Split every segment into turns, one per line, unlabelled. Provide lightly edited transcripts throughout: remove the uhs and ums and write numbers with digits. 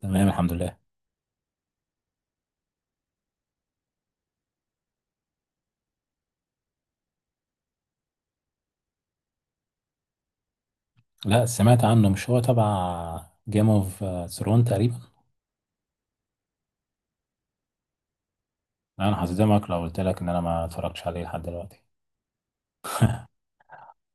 تمام، الحمد لله. لا، سمعت عنه. مش هو تبع جيم اوف ثرون تقريبا؟ انا هصدمك لو قلت لك ان انا ما اتفرجتش عليه لحد دلوقتي.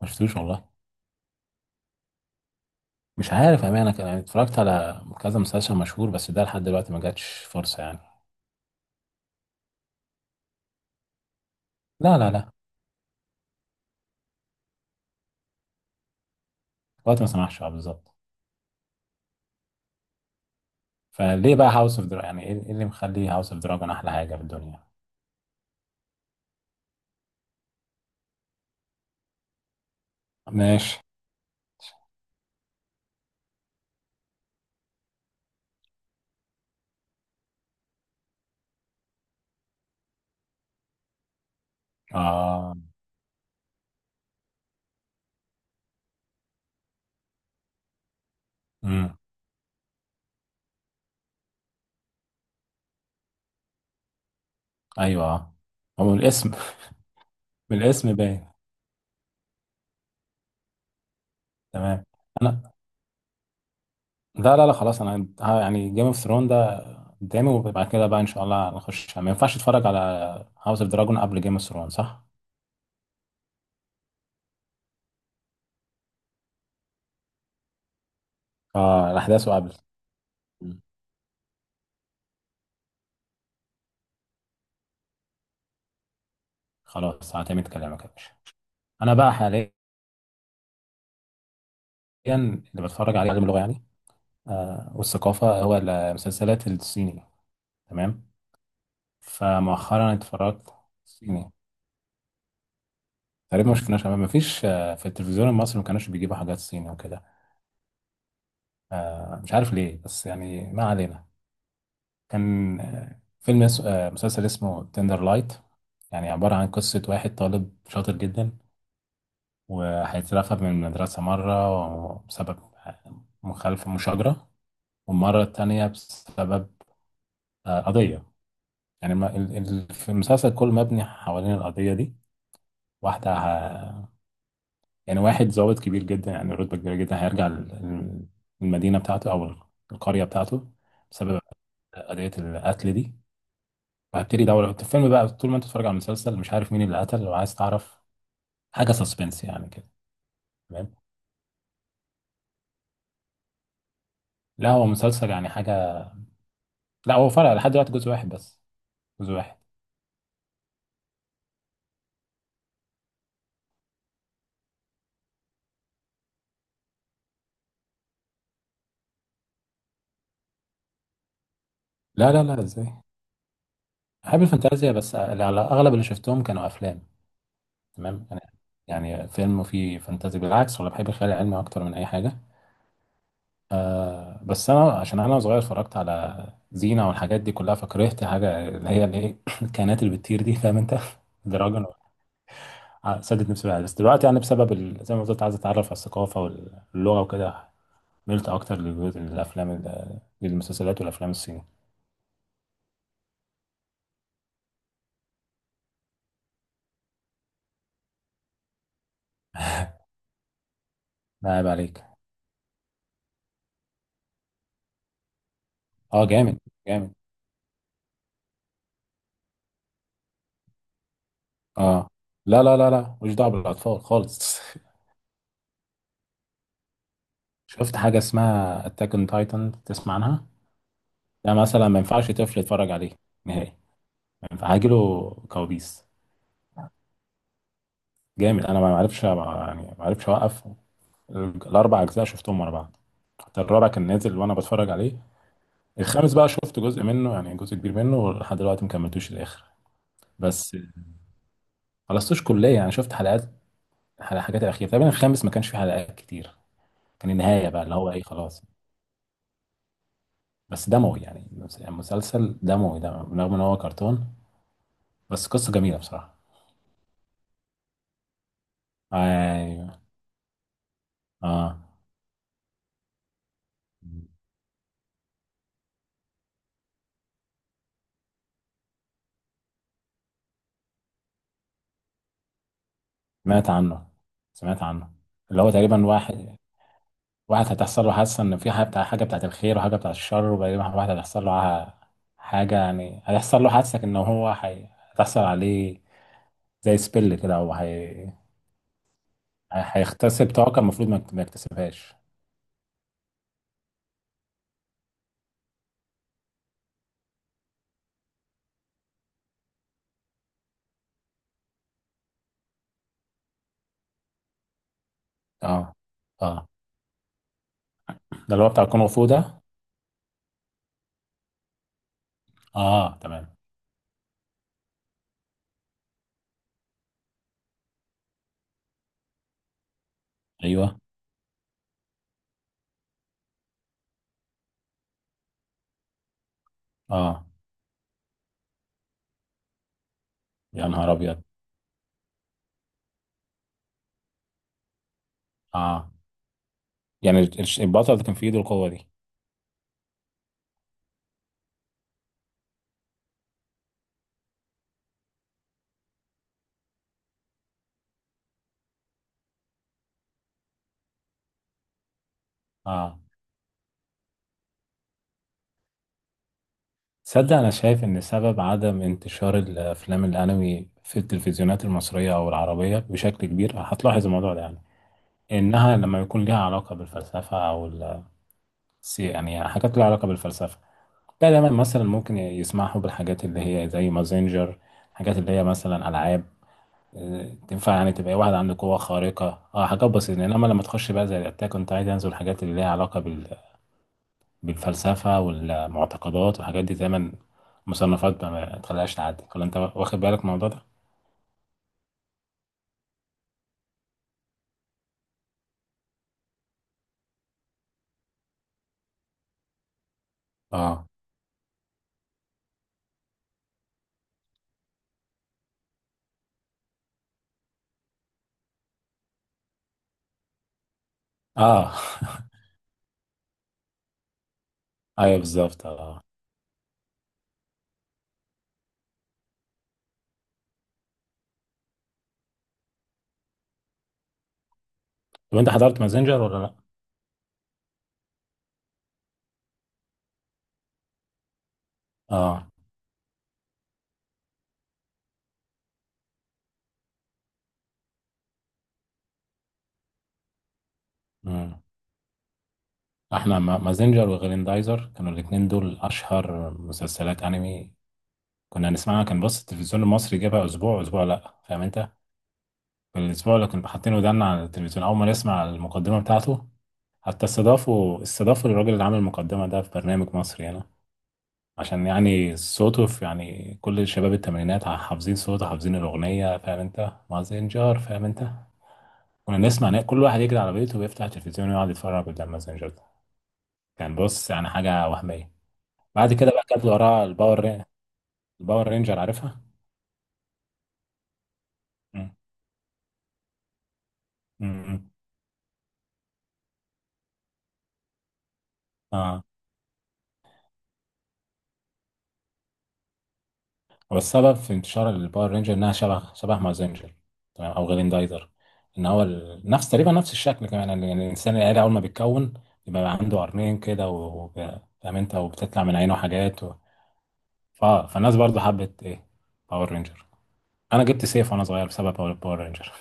ما شفتوش والله. مش عارف امانه، يعني اتفرجت على كذا مسلسل مشهور، بس ده لحد دلوقتي ما جاتش فرصه يعني. لا لا لا، الوقت ما سمحش، اه، بالظبط. فليه بقى هاوس اوف دراجون؟ يعني إيه اللي مخلي هاوس اوف دراجون احلى حاجه في الدنيا؟ ماشي. اه، امم، ايوه، آه. هو من الاسم. من الاسم باين. تمام. انا... لا لا لا، خلاص، انا ها يعني جيم اوف ثرون ده قدامي، وبعد كده بقى ان شاء الله هنخش. ما ينفعش اتفرج على هاوس اوف دراجون قبل جيم اوف ثرون، صح؟ اه، الاحداث قبل. خلاص، هعتمد كلامك يا باشا. انا بقى حاليا اللي بتفرج عليه علم اللغه يعني، آه، والثقافه. هو المسلسلات الصيني. تمام. فمؤخرا اتفرجت صيني. تقريبا ما شفناش، ما فيش، في التلفزيون المصري ما كانوش بيجيبوا حاجات صيني وكده. مش عارف ليه، بس يعني ما علينا. كان فيلم، اس... آه، مسلسل اسمه تندر لايت، يعني عبارة عن قصة واحد طالب شاطر جدا، وهيترفد من المدرسة مرة بسبب مخالفة مشاجرة، والمرة التانية بسبب قضية. يعني في المسلسل كله مبني حوالين القضية دي. واحدة ه... يعني واحد ضابط كبير جدا، يعني رتبة كبيرة جدا، هيرجع المدينة بتاعته أو القرية بتاعته بسبب قضية القتل دي. وهبتدي ادور في الفيلم بقى. طول ما انت بتتفرج على المسلسل مش عارف مين اللي قتل، لو عايز تعرف. حاجه سسبنس يعني كده. تمام. لا، هو مسلسل يعني حاجه... لا، هو فرق لحد دلوقتي جزء واحد بس. جزء واحد. لا لا لا، ازاي؟ بحب الفانتازيا، بس على اغلب اللي شفتهم كانوا افلام. تمام. انا يعني فيلم فيه فانتازي بالعكس، ولا بحب الخيال العلمي اكتر من اي حاجه. بس انا عشان انا صغير اتفرجت على زينه والحاجات دي كلها، فكرهت حاجه اللي هي الايه، الكائنات اللي بتطير دي، فاهم انت؟ دراجون. سدد نفسي بقى. بس دلوقتي يعني بسبب زي ما قلت عايز اتعرف على الثقافه واللغه وكده، ملت اكتر للافلام للمسلسلات والافلام الصيني. ما عيب عليك. اه، جامد جامد. اه، لا لا لا لا، مش دعوه بالاطفال خالص. شفت حاجه اسمها اتاك اون تايتن، تسمع عنها؟ ده مثلا ما ينفعش طفل يتفرج عليه نهائي، ما ينفع، هيجيله كوابيس. جامد، انا ما عرفش يعني، ما عرفش اوقف. الاربع اجزاء شفتهم ورا بعض، حتى الرابع كان نازل وانا بتفرج عليه. الخامس بقى شفت جزء منه، يعني جزء كبير منه، لحد دلوقتي ما كملتوش الاخر. بس خلصتوش كليه، يعني شفت حلقات على الحاجات الاخيره تقريبا. الخامس ما كانش فيه حلقات كتير. كان النهايه بقى اللي هو ايه، خلاص. بس دموي يعني، مسلسل دموي ده رغم ان هو كرتون، بس قصه جميله بصراحه. ايوه. اه، سمعت عنه، سمعت عنه. اللي هو تقريبا واحد هتحصل له حاسة إن في حاجة بتاعت الخير وحاجة بتاعت الشر، وبعدين واحد هتحصل له حاجة، يعني هتحصل له حاسة إن هو هتحصل عليه زي سبيل كده، أو هيغتسب طاقة المفروض ما يكتسبهاش. اه. اه، ده اللي هو بتاع الكونغ فو ده. اه، تمام. ايوه. اه. يا نهار أبيض. اه، يعني البطل اللي كان في إيده القوة دي. اه. تصدق أنا شايف إن سبب عدم انتشار الأفلام الأنمي في التلفزيونات المصرية أو العربية بشكل كبير، هتلاحظ الموضوع ده يعني، إنها لما يكون ليها علاقة بالفلسفة أو يعني حاجات ليها علاقة بالفلسفة. لا دايما مثلا ممكن يسمحوا بالحاجات اللي هي زي مازينجر، حاجات اللي هي مثلا ألعاب، تنفع يعني تبقى واحد عنده قوة خارقة، اه، حاجات بسيطة. إنما لما تخش بقى زي الأتاك أون تايتنز والحاجات اللي ليها علاقة بالفلسفة والمعتقدات والحاجات دي، دايما مصنفات ما تخليهاش تعدي. ولا انت واخد بالك من الموضوع ده؟ اه. اه. ايوه بالظبط، اه. طب انت حضرت مازنجر ولا لا؟ اه، مم. احنا مازنجر وغريندايزر كانوا الاتنين دول اشهر مسلسلات انمي كنا نسمعها. كان بص التلفزيون المصري جابها اسبوع اسبوع، لا فاهم انت؟ في الاسبوع اللي كنا حاطين ودانا على التلفزيون اول ما نسمع المقدمة بتاعته، حتى استضافوا الراجل اللي عامل المقدمة ده في برنامج مصري هنا، عشان يعني صوته في يعني كل شباب التمانينات حافظين صوته، حافظين الأغنية، فاهم أنت مازنجر؟ فاهم أنت؟ كنا نسمع كل واحد يجري على بيته ويفتح التلفزيون ويقعد يتفرج قدام مازنجر ده. كان بص يعني حاجة وهمية. بعد كده بقى كانت وراها الباور رينجر، عارفها؟ مم. مم. اه. هو السبب في انتشار الباور رينجر انها شبه شبه مازنجر، تمام، او غريندايزر. ان هو نفس تقريبا نفس الشكل كمان، يعني الانسان الالي اول ما بيتكون بيبقى عنده قرنين كده فاهم انت، وبتطلع من عينه حاجات و... فالناس برضو حبت ايه، باور رينجر. انا جبت سيف وانا صغير بسبب باور رينجر.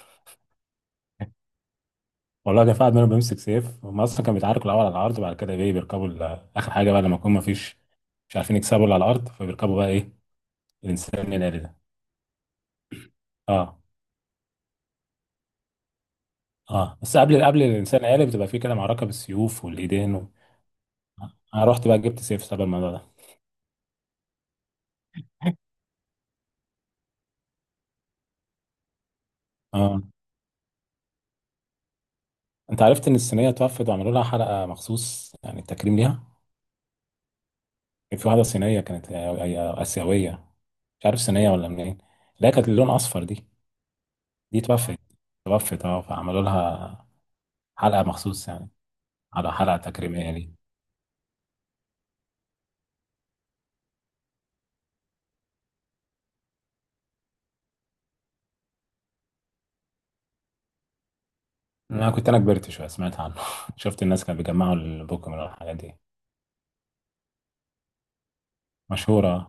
والله كان في واحد منهم بيمسك سيف. هم اصلا كانوا بيتعاركوا الاول على الارض، وبعد كده ايه بيركبوا اخر حاجه بقى لما يكون ما فيش، مش عارفين يكسبوا اللي على الارض، فبيركبوا بقى ايه، الانسان الالي ده. اه. اه، بس قبل الانسان الالي بتبقى فيه كده معركه بالسيوف والايدين و... انا رحت بقى جبت سيف سبب الموضوع ده. اه. انت عرفت ان الصينيه توفت وعملوا لها حلقه مخصوص يعني تكريم ليها؟ كان في واحده صينيه كانت اسيويه، مش عارف صينيه ولا منين. لا كانت اللون اصفر دي. دي توفت. توفت، اه، فعملوا لها حلقه مخصوص يعني، على حلقه تكريميه لي. انا كبرت شويه، سمعت عنه. شفت الناس كانوا بيجمعوا البوكيمون والحاجات دي. مشهوره.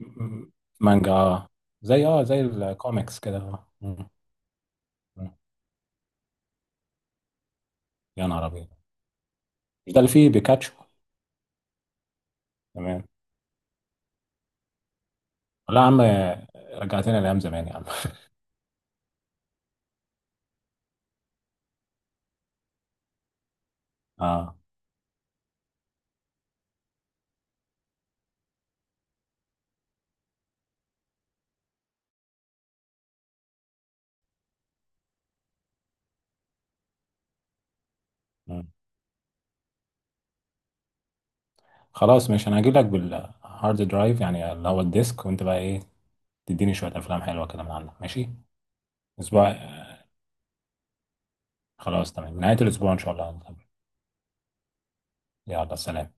م- مانجا، اه. زي الكوميكس كده، آه. م. يا نهار ابيض. مش ده اللي فيه بيكاتشو؟ تمام. لا يا عم، رجعتنا لايام زمان يا عم. اه. م. خلاص ماشي، انا هجيب لك بالهارد درايف يعني اللي هو الديسك، وانت بقى ايه تديني شويه افلام حلوه كده من عندك، ماشي. اسبوع آه، خلاص تمام، نهايه الاسبوع ان شاء الله. يلا سلام.